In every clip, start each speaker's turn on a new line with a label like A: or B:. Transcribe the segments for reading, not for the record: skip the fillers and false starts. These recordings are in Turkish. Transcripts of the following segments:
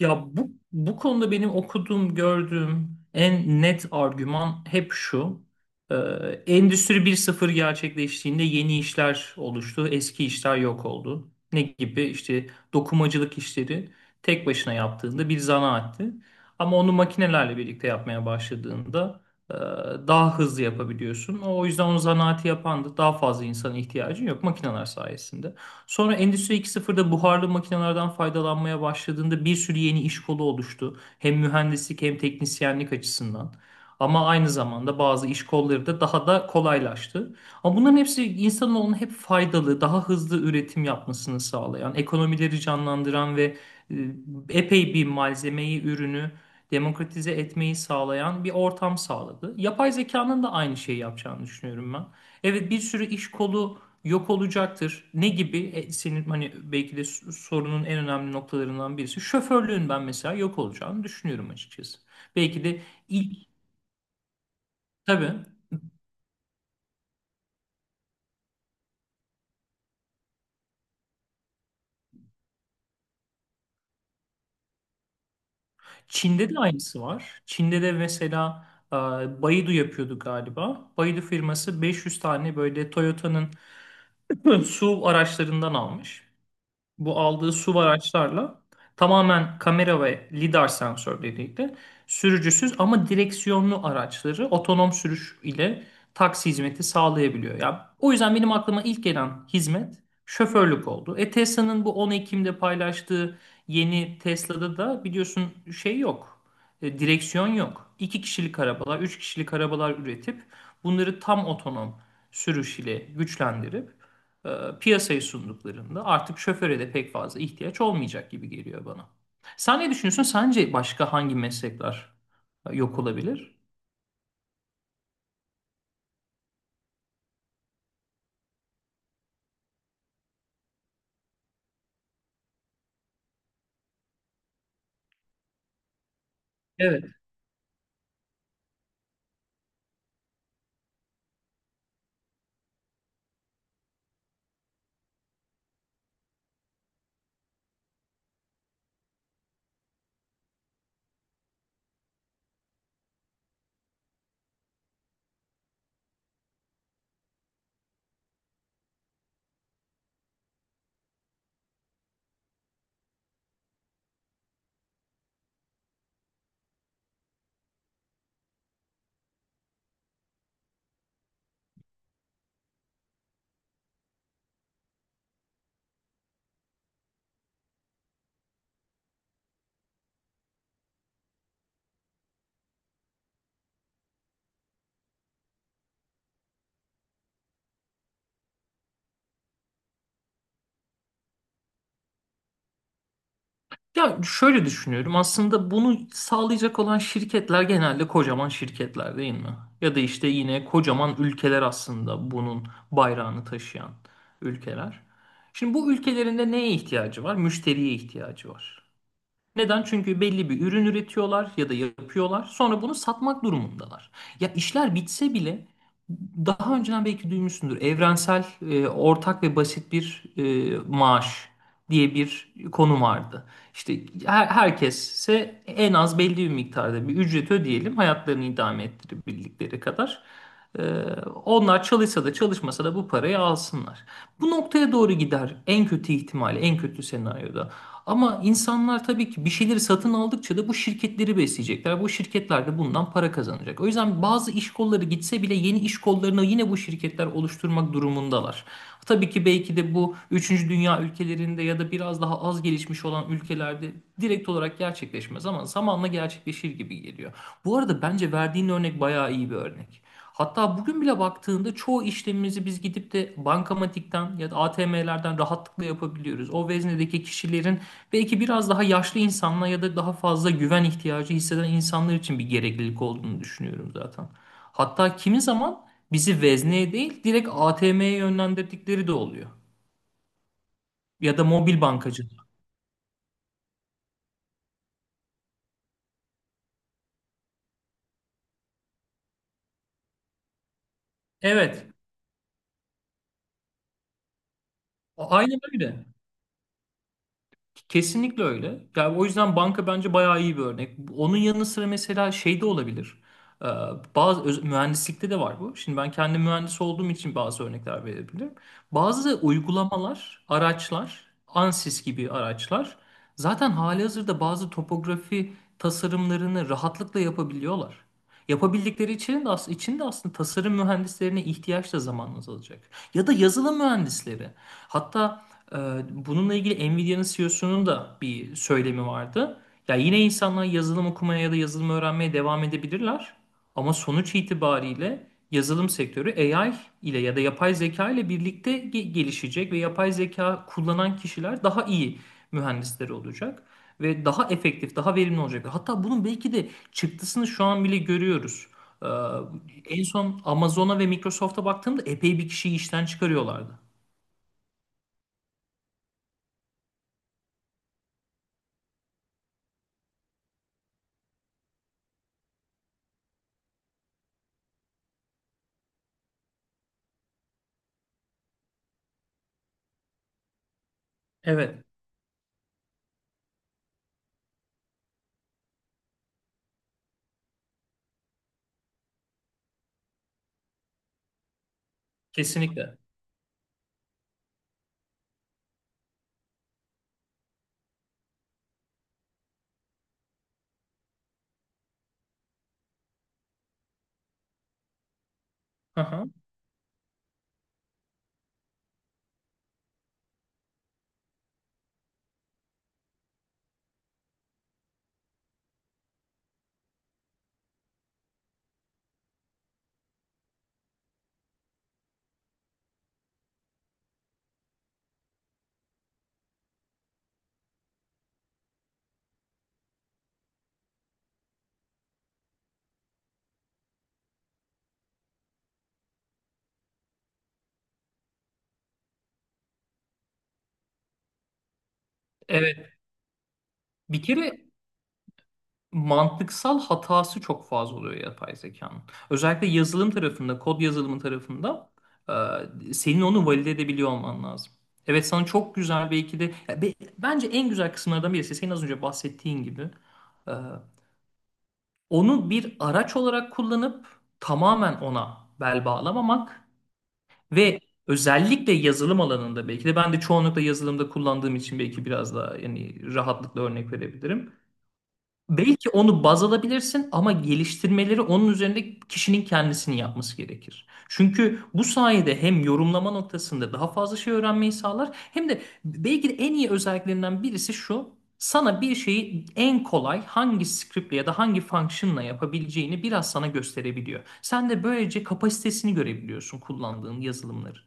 A: Ya bu konuda benim okuduğum, gördüğüm en net argüman hep şu. Ee, Endüstri 1.0 gerçekleştiğinde yeni işler oluştu, eski işler yok oldu. Ne gibi? İşte dokumacılık işleri tek başına yaptığında bir zanaatti. Ama onu makinelerle birlikte yapmaya başladığında e, daha hızlı yapabiliyorsun. O yüzden onu zanaati yapan da daha fazla insana ihtiyacın yok makineler sayesinde. Sonra Endüstri iki nokta sıfırda buharlı makinelerden faydalanmaya başladığında bir sürü yeni iş kolu oluştu. Hem mühendislik hem teknisyenlik açısından. Ama aynı zamanda bazı iş kolları da daha da kolaylaştı. Ama bunların hepsi insanoğlunun hep faydalı, daha hızlı üretim yapmasını sağlayan, ekonomileri canlandıran ve e, epey bir malzemeyi, ürünü demokratize etmeyi sağlayan bir ortam sağladı. Yapay zekanın da aynı şeyi yapacağını düşünüyorum ben. Evet, bir sürü iş kolu yok olacaktır. Ne gibi? Senin hani belki de sorunun en önemli noktalarından birisi. Şoförlüğün ben mesela yok olacağını düşünüyorum açıkçası. Belki de ilk. Tabii. Çin'de de aynısı var. Çin'de de mesela Baidu yapıyordu galiba. Baidu firması 500 tane böyle Toyota'nın SUV araçlarından almış. Bu aldığı SUV araçlarla tamamen kamera ve lidar sensörleriyle sürücüsüz ama direksiyonlu araçları otonom sürüş ile taksi hizmeti sağlayabiliyor. Ya o yüzden benim aklıma ilk gelen hizmet şoförlük oldu. Tesla'nın bu 10 Ekim'de paylaştığı yeni Tesla'da da biliyorsun şey yok. Direksiyon yok. İki kişilik arabalar, 3 kişilik arabalar üretip bunları tam otonom sürüş ile güçlendirip e, piyasaya sunduklarında artık şoföre de pek fazla ihtiyaç olmayacak gibi geliyor bana. Sen ne düşünüyorsun? Sence başka hangi meslekler yok olabilir? Evet. Ya şöyle düşünüyorum. Aslında bunu sağlayacak olan şirketler genelde kocaman şirketler değil mi? Ya da işte yine kocaman ülkeler aslında bunun bayrağını taşıyan ülkeler. Şimdi bu ülkelerinde neye ihtiyacı var? Müşteriye ihtiyacı var. Neden? Çünkü belli bir ürün üretiyorlar ya da yapıyorlar. Sonra bunu satmak durumundalar. Ya işler bitse bile daha önceden belki duymuşsundur. Evrensel, ortak ve basit bir maaş diye bir konu vardı. İşte herkese en az belli bir miktarda bir ücret ödeyelim hayatlarını idame ettirebildikleri kadar. E, Onlar çalışsa da çalışmasa da bu parayı alsınlar. Bu noktaya doğru gider en kötü ihtimalle, en kötü senaryoda. Ama insanlar tabii ki bir şeyleri satın aldıkça da bu şirketleri besleyecekler. Bu şirketler de bundan para kazanacak. O yüzden bazı iş kolları gitse bile yeni iş kollarını yine bu şirketler oluşturmak durumundalar. Tabii ki belki de bu üçüncü dünya ülkelerinde ya da biraz daha az gelişmiş olan ülkelerde direkt olarak gerçekleşmez ama zamanla gerçekleşir gibi geliyor. Bu arada bence verdiğin örnek bayağı iyi bir örnek. Hatta bugün bile baktığında çoğu işlemimizi biz gidip de bankamatikten ya da ATM'lerden rahatlıkla yapabiliyoruz. O veznedeki kişilerin belki biraz daha yaşlı insanlar ya da daha fazla güven ihtiyacı hisseden insanlar için bir gereklilik olduğunu düşünüyorum zaten. Hatta kimi zaman bizi vezneye değil direkt ATM'ye yönlendirdikleri de oluyor. Ya da mobil bankacılığa. Evet, aynen öyle. Kesinlikle öyle. Yani o yüzden banka bence bayağı iyi bir örnek. Onun yanı sıra mesela şey de olabilir. Ee, Bazı mühendislikte de var bu. Şimdi ben kendi mühendis olduğum için bazı örnekler verebilirim. Bazı uygulamalar, araçlar, Ansys gibi araçlar zaten halihazırda bazı topografi tasarımlarını rahatlıkla yapabiliyorlar. Yapabildikleri için de, için de aslında tasarım mühendislerine ihtiyaç da zamanla azalacak. Ya da yazılım mühendisleri. Hatta ee, bununla ilgili Nvidia'nın CEO'sunun da bir söylemi vardı. Ya yine insanlar yazılım okumaya ya da yazılım öğrenmeye devam edebilirler. Ama sonuç itibariyle yazılım sektörü AI ile ya da yapay zeka ile birlikte gelişecek ve yapay zeka kullanan kişiler daha iyi mühendisleri olacak ve daha efektif, daha verimli olacak. Hatta bunun belki de çıktısını şu an bile görüyoruz. Ee, En son Amazon'a ve Microsoft'a baktığımda epey bir kişiyi işten çıkarıyorlardı. Evet, kesinlikle. Hı hı. Evet, bir kere mantıksal hatası çok fazla oluyor yapay zekanın. Özellikle yazılım tarafında, kod yazılımı tarafında senin onu valide edebiliyor olman lazım. Evet, sana çok güzel belki de ya bence en güzel kısımlardan birisi senin az önce bahsettiğin gibi e, onu bir araç olarak kullanıp tamamen ona bel bağlamamak ve özellikle yazılım alanında belki de ben de çoğunlukla yazılımda kullandığım için belki biraz daha yani rahatlıkla örnek verebilirim. Belki onu baz alabilirsin ama geliştirmeleri onun üzerinde kişinin kendisinin yapması gerekir. Çünkü bu sayede hem yorumlama noktasında daha fazla şey öğrenmeyi sağlar hem de belki de en iyi özelliklerinden birisi şu. Sana bir şeyi en kolay hangi script'le ya da hangi function'la yapabileceğini biraz sana gösterebiliyor. Sen de böylece kapasitesini görebiliyorsun kullandığın yazılımların.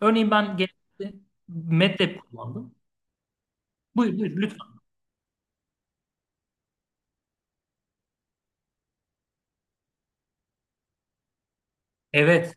A: Örneğin ben genelde MATLAB kullandım. Buyur, buyur lütfen. Evet,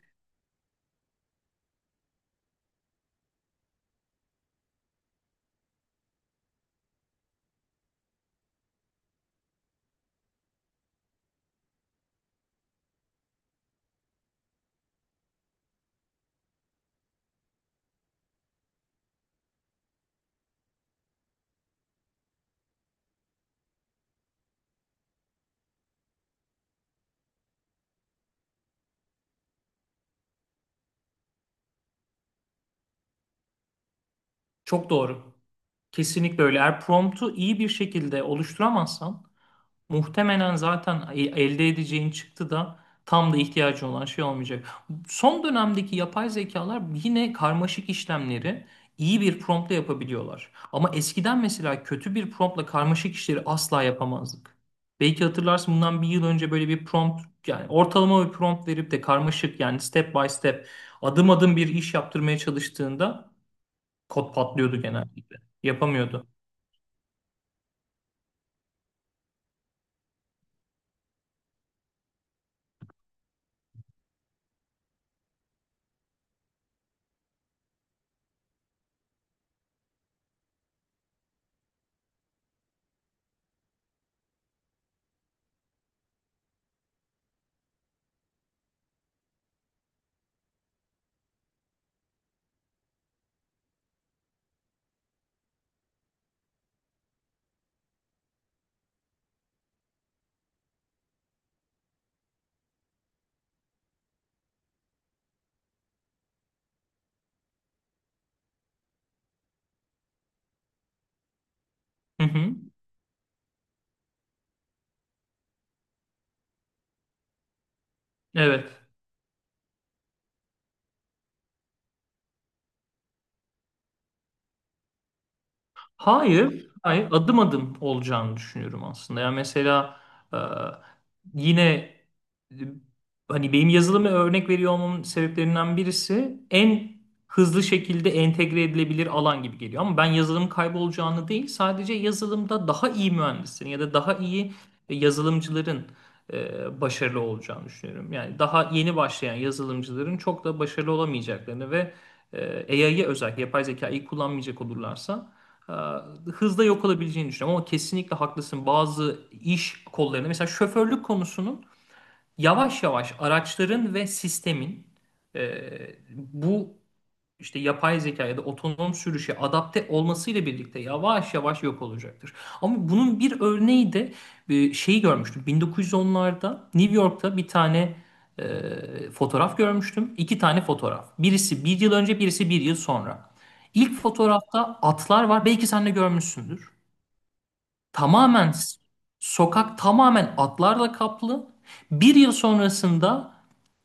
A: çok doğru. Kesinlikle öyle. Eğer promptu iyi bir şekilde oluşturamazsan muhtemelen zaten elde edeceğin çıktı da tam da ihtiyacın olan şey olmayacak. Son dönemdeki yapay zekalar yine karmaşık işlemleri iyi bir promptla yapabiliyorlar. Ama eskiden mesela kötü bir promptla karmaşık işleri asla yapamazdık. Belki hatırlarsın bundan bir yıl önce böyle bir prompt yani ortalama bir prompt verip de karmaşık yani step by step adım adım bir iş yaptırmaya çalıştığında kod patlıyordu genellikle. Yapamıyordu. Hı hı. Evet. Hayır, hayır adım adım olacağını düşünüyorum aslında. Yani mesela e, yine e, hani benim yazılımı örnek veriyor olmamın sebeplerinden birisi en hızlı şekilde entegre edilebilir alan gibi geliyor. Ama ben yazılım kaybolacağını değil, sadece yazılımda daha iyi mühendislerin ya da daha iyi yazılımcıların başarılı olacağını düşünüyorum. Yani daha yeni başlayan yazılımcıların çok da başarılı olamayacaklarını ve AI'yi özellikle yapay zekayı kullanmayacak olurlarsa Ha, hızla yok olabileceğini düşünüyorum ama kesinlikle haklısın. Bazı iş kollarında mesela şoförlük konusunun yavaş yavaş araçların ve sistemin e, bu işte yapay zeka ya da otonom sürüşe adapte olmasıyla birlikte yavaş yavaş yok olacaktır. Ama bunun bir örneği de şeyi görmüştüm. 1910'larda New York'ta bir tane fotoğraf görmüştüm. İki tane fotoğraf. Birisi bir yıl önce, birisi bir yıl sonra. İlk fotoğrafta atlar var. Belki sen de görmüşsündür. Tamamen s- Sokak tamamen atlarla kaplı. Bir yıl sonrasında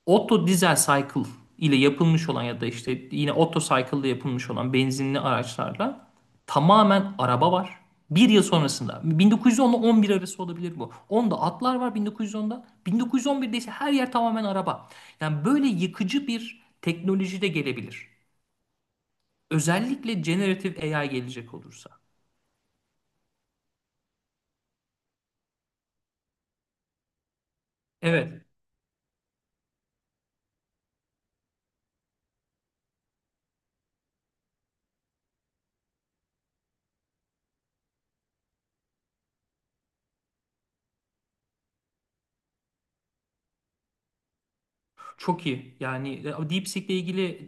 A: Otto Diesel Cycle ile yapılmış olan ya da işte yine Otto Cycle ile yapılmış olan benzinli araçlarla tamamen araba var. Bir yıl sonrasında 1910 ile 11 arası olabilir bu. Onda atlar var 1910'da. 1911'de ise her yer tamamen araba. Yani böyle yıkıcı bir teknoloji de gelebilir. Özellikle generative AI gelecek olursa. Evet. Çok iyi. Yani DeepSeek ile ilgili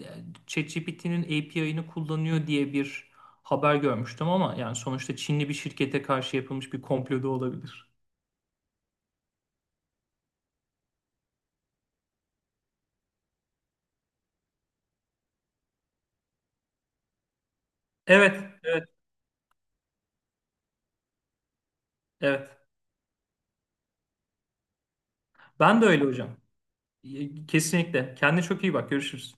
A: ChatGPT'nin API'ını kullanıyor diye bir haber görmüştüm ama yani sonuçta Çinli bir şirkete karşı yapılmış bir komplo da olabilir. Evet, evet, evet. Ben de öyle hocam. Kesinlikle. Kendine çok iyi bak. Görüşürüz.